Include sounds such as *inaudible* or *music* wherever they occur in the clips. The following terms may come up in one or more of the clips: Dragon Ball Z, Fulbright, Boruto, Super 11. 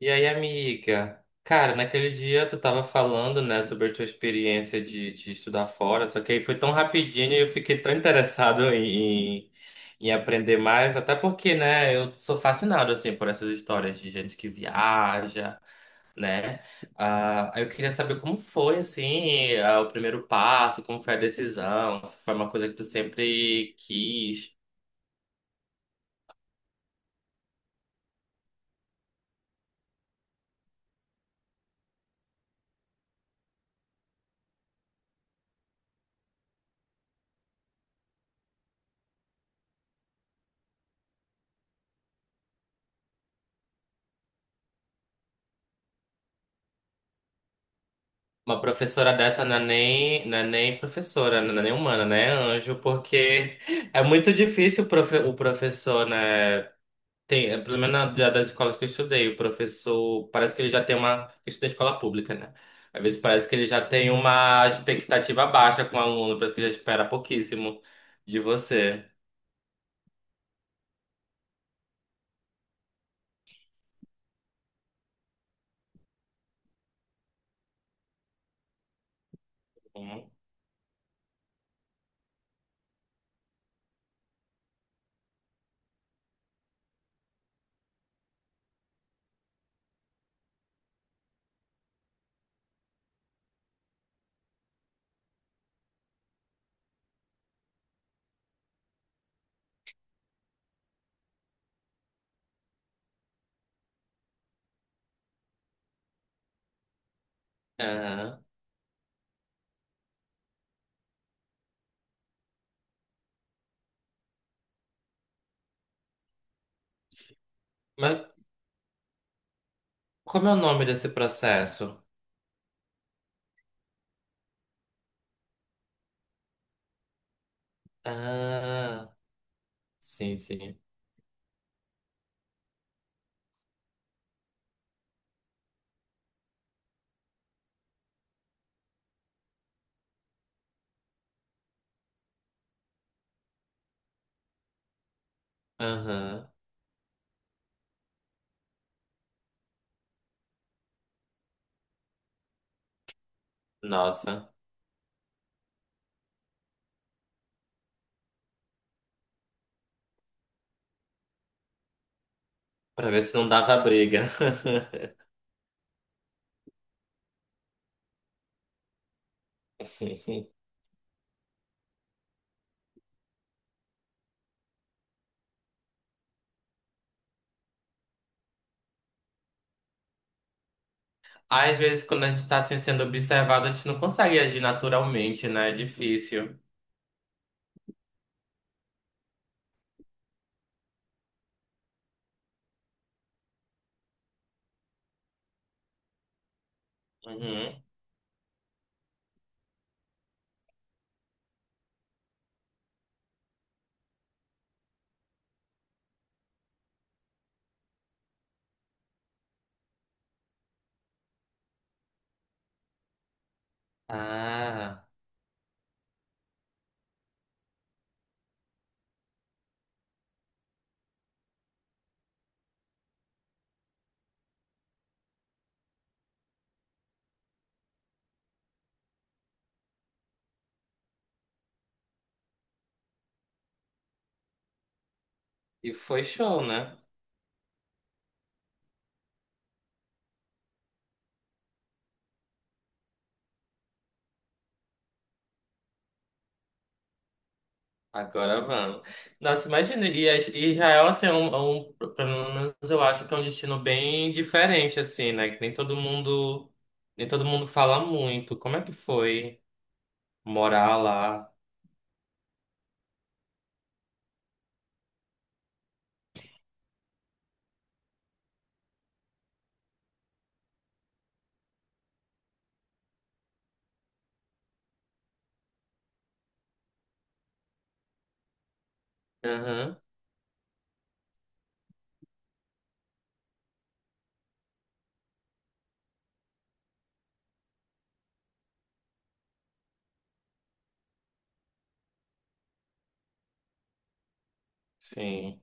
E aí, amiga? Cara, naquele dia tu tava falando, né, sobre a tua experiência de estudar fora, só que aí foi tão rapidinho e eu fiquei tão interessado em aprender mais, até porque, né, eu sou fascinado, assim, por essas histórias de gente que viaja, né? Ah, aí eu queria saber como foi, assim, ah, o primeiro passo, como foi a decisão, se foi uma coisa que tu sempre quis. Uma professora dessa não é nem, não é nem professora, não é nem humana, né? Anjo, porque *laughs* é muito difícil o professor, né? Tem, é, pelo menos das escolas que eu estudei, o professor parece que ele já tem uma. Eu estudei escola pública, né? Às vezes parece que ele já tem uma expectativa baixa com o aluno, parece que já espera pouquíssimo de você. Uhum. Aham. Mas como é o nome desse processo? Ah, sim, sim. Aham. Nossa. Pra ver se não dava briga. *laughs* Às vezes, quando a gente tá assim sendo observado, a gente não consegue agir naturalmente, né? É difícil. Uhum. Ah, e foi show, né? Agora vamos. Nossa, imagina, e a- e Israel, assim, é um- pelo menos eu acho que é um destino bem diferente, assim, né? Que nem todo mundo, nem todo mundo fala muito. Como é que foi morar lá? Aham, sim.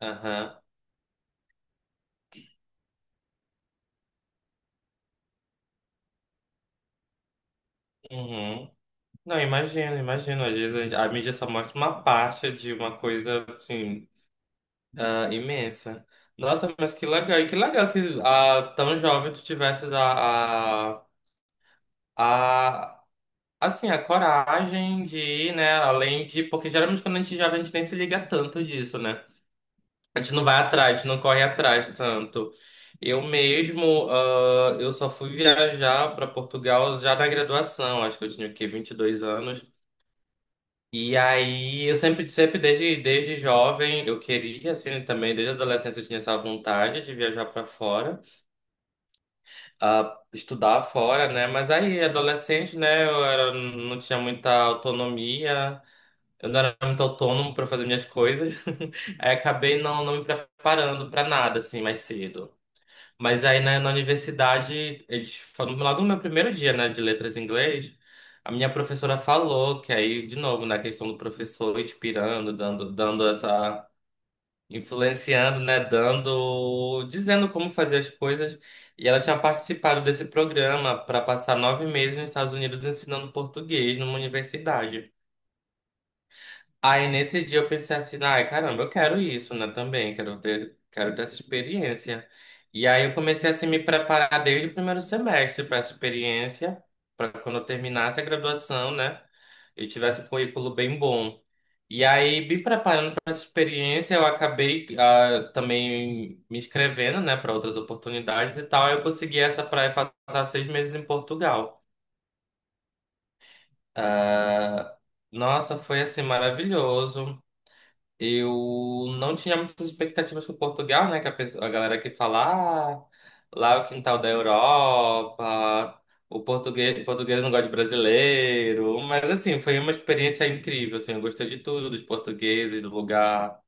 Aham, uhum. Não, imagino, imagino. Às vezes a mídia só mostra uma parte de uma coisa, assim, ah, imensa. Nossa, mas que legal. E que legal que ah, tão jovem tu tivesses a, assim, a coragem de ir, né, além de... Porque geralmente quando a gente é jovem, a gente nem se liga tanto disso, né? A gente não vai atrás, a gente não corre atrás tanto. Eu mesmo, ah, eu só fui viajar para Portugal já na graduação. Acho que eu tinha o quê? 22 anos. E aí, eu sempre desde jovem, eu queria, assim, também, desde a adolescência, eu tinha essa vontade de viajar para fora, ah, estudar fora, né? Mas aí, adolescente, né, eu era, não tinha muita autonomia, eu não era muito autônomo para fazer minhas coisas, *laughs* aí acabei não, não me preparando para nada, assim, mais cedo. Mas aí né, na universidade, eles falam logo no meu primeiro dia, né, de letras em inglês, a minha professora falou que aí, de novo, na questão do professor inspirando, dando essa, influenciando, né, dando, dizendo como fazer as coisas. E ela tinha participado desse programa para passar 9 meses nos Estados Unidos ensinando português numa universidade. Aí nesse dia eu pensei assim, ai caramba, eu quero isso, né, também, quero ter essa experiência. E aí eu comecei assim, a me preparar desde o primeiro semestre para essa experiência, para quando eu terminasse a graduação, né, eu tivesse um currículo bem bom. E aí, me preparando para essa experiência, eu acabei ah, também me inscrevendo, né, para outras oportunidades e tal. Aí eu consegui essa para passar 6 meses em Portugal. Ah, nossa, foi assim maravilhoso. Eu não tinha muitas expectativas com Portugal, né? Que a galera que fala, ah, lá é o quintal da Europa, o português não gosta de brasileiro. Mas assim, foi uma experiência incrível, assim, eu gostei de tudo, dos portugueses, do lugar.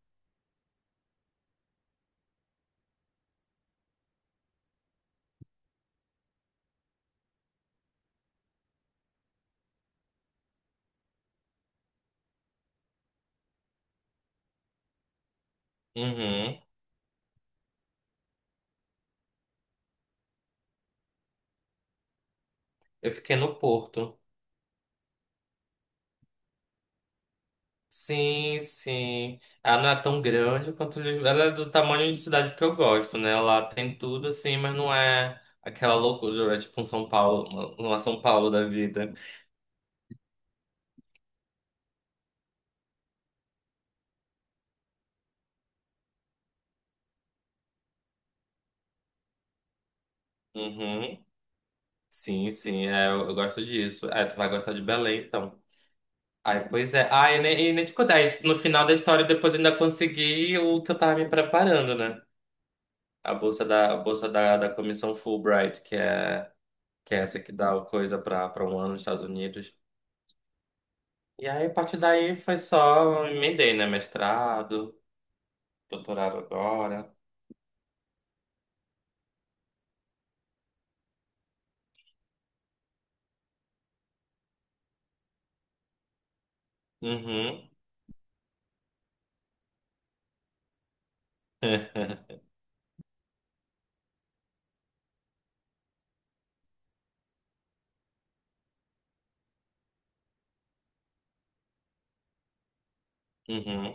Uhum. Eu fiquei no Porto. Sim, sim. Ela não é tão grande quanto Lisboa. Ela é do tamanho de cidade que eu gosto, né? Ela tem tudo assim, mas não é aquela loucura, é tipo um São Paulo, uma São Paulo da vida. Uhum. Sim, sim, é, eu gosto disso. É, tu vai gostar de Belém, então. Ai, pois é. Ah, e nem te contar, aí, tipo, no final da história, depois eu ainda consegui o que eu tava me preparando, né? A bolsa da, da comissão Fulbright, que é essa que dá o coisa pra, pra um ano nos Estados Unidos. E aí, a partir daí, foi só, emendei, né? Mestrado, doutorado agora. Uhum. *laughs* Uhum.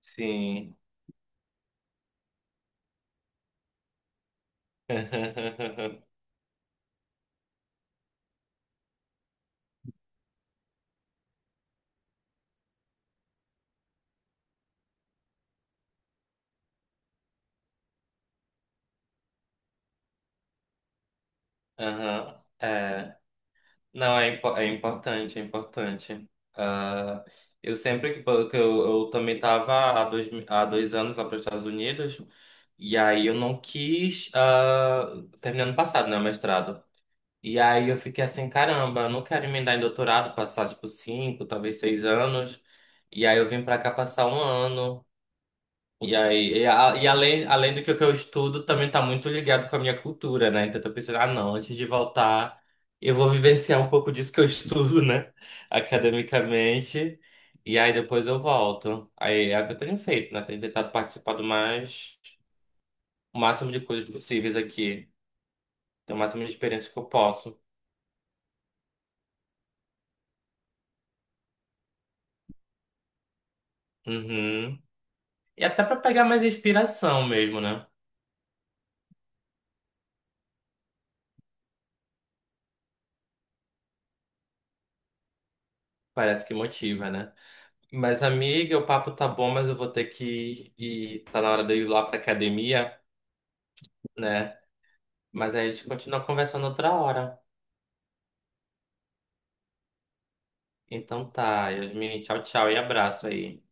Sim. *laughs* Aham. É. Não, é importante, é importante. Ah, eu sempre que, po- eu também estava há 2 anos lá para os Estados Unidos, e aí eu não quis, ah, terminar ano passado, né, o mestrado. E aí eu fiquei assim, caramba, eu não quero emendar em doutorado, passar tipo 5, talvez 6 anos. E aí eu vim para cá passar um ano. E aí, e além do que eu estudo, também tá muito ligado com a minha cultura, né? Então eu tô pensando, ah, não, antes de voltar, eu vou vivenciar um pouco disso que eu estudo, né? *laughs* Academicamente. E aí depois eu volto. Aí é o que eu tenho feito, né? Tenho tentado participar do mais, o máximo de coisas possíveis aqui. Ter o máximo de experiência que eu posso. Uhum. E até pra pegar mais inspiração mesmo, né? Parece que motiva, né? Mas, amiga, o papo tá bom, mas eu vou ter que ir. Tá na hora de eu ir lá pra academia, né? Mas aí a gente continua conversando outra hora. Então tá, Yasmin, tchau, tchau e abraço aí.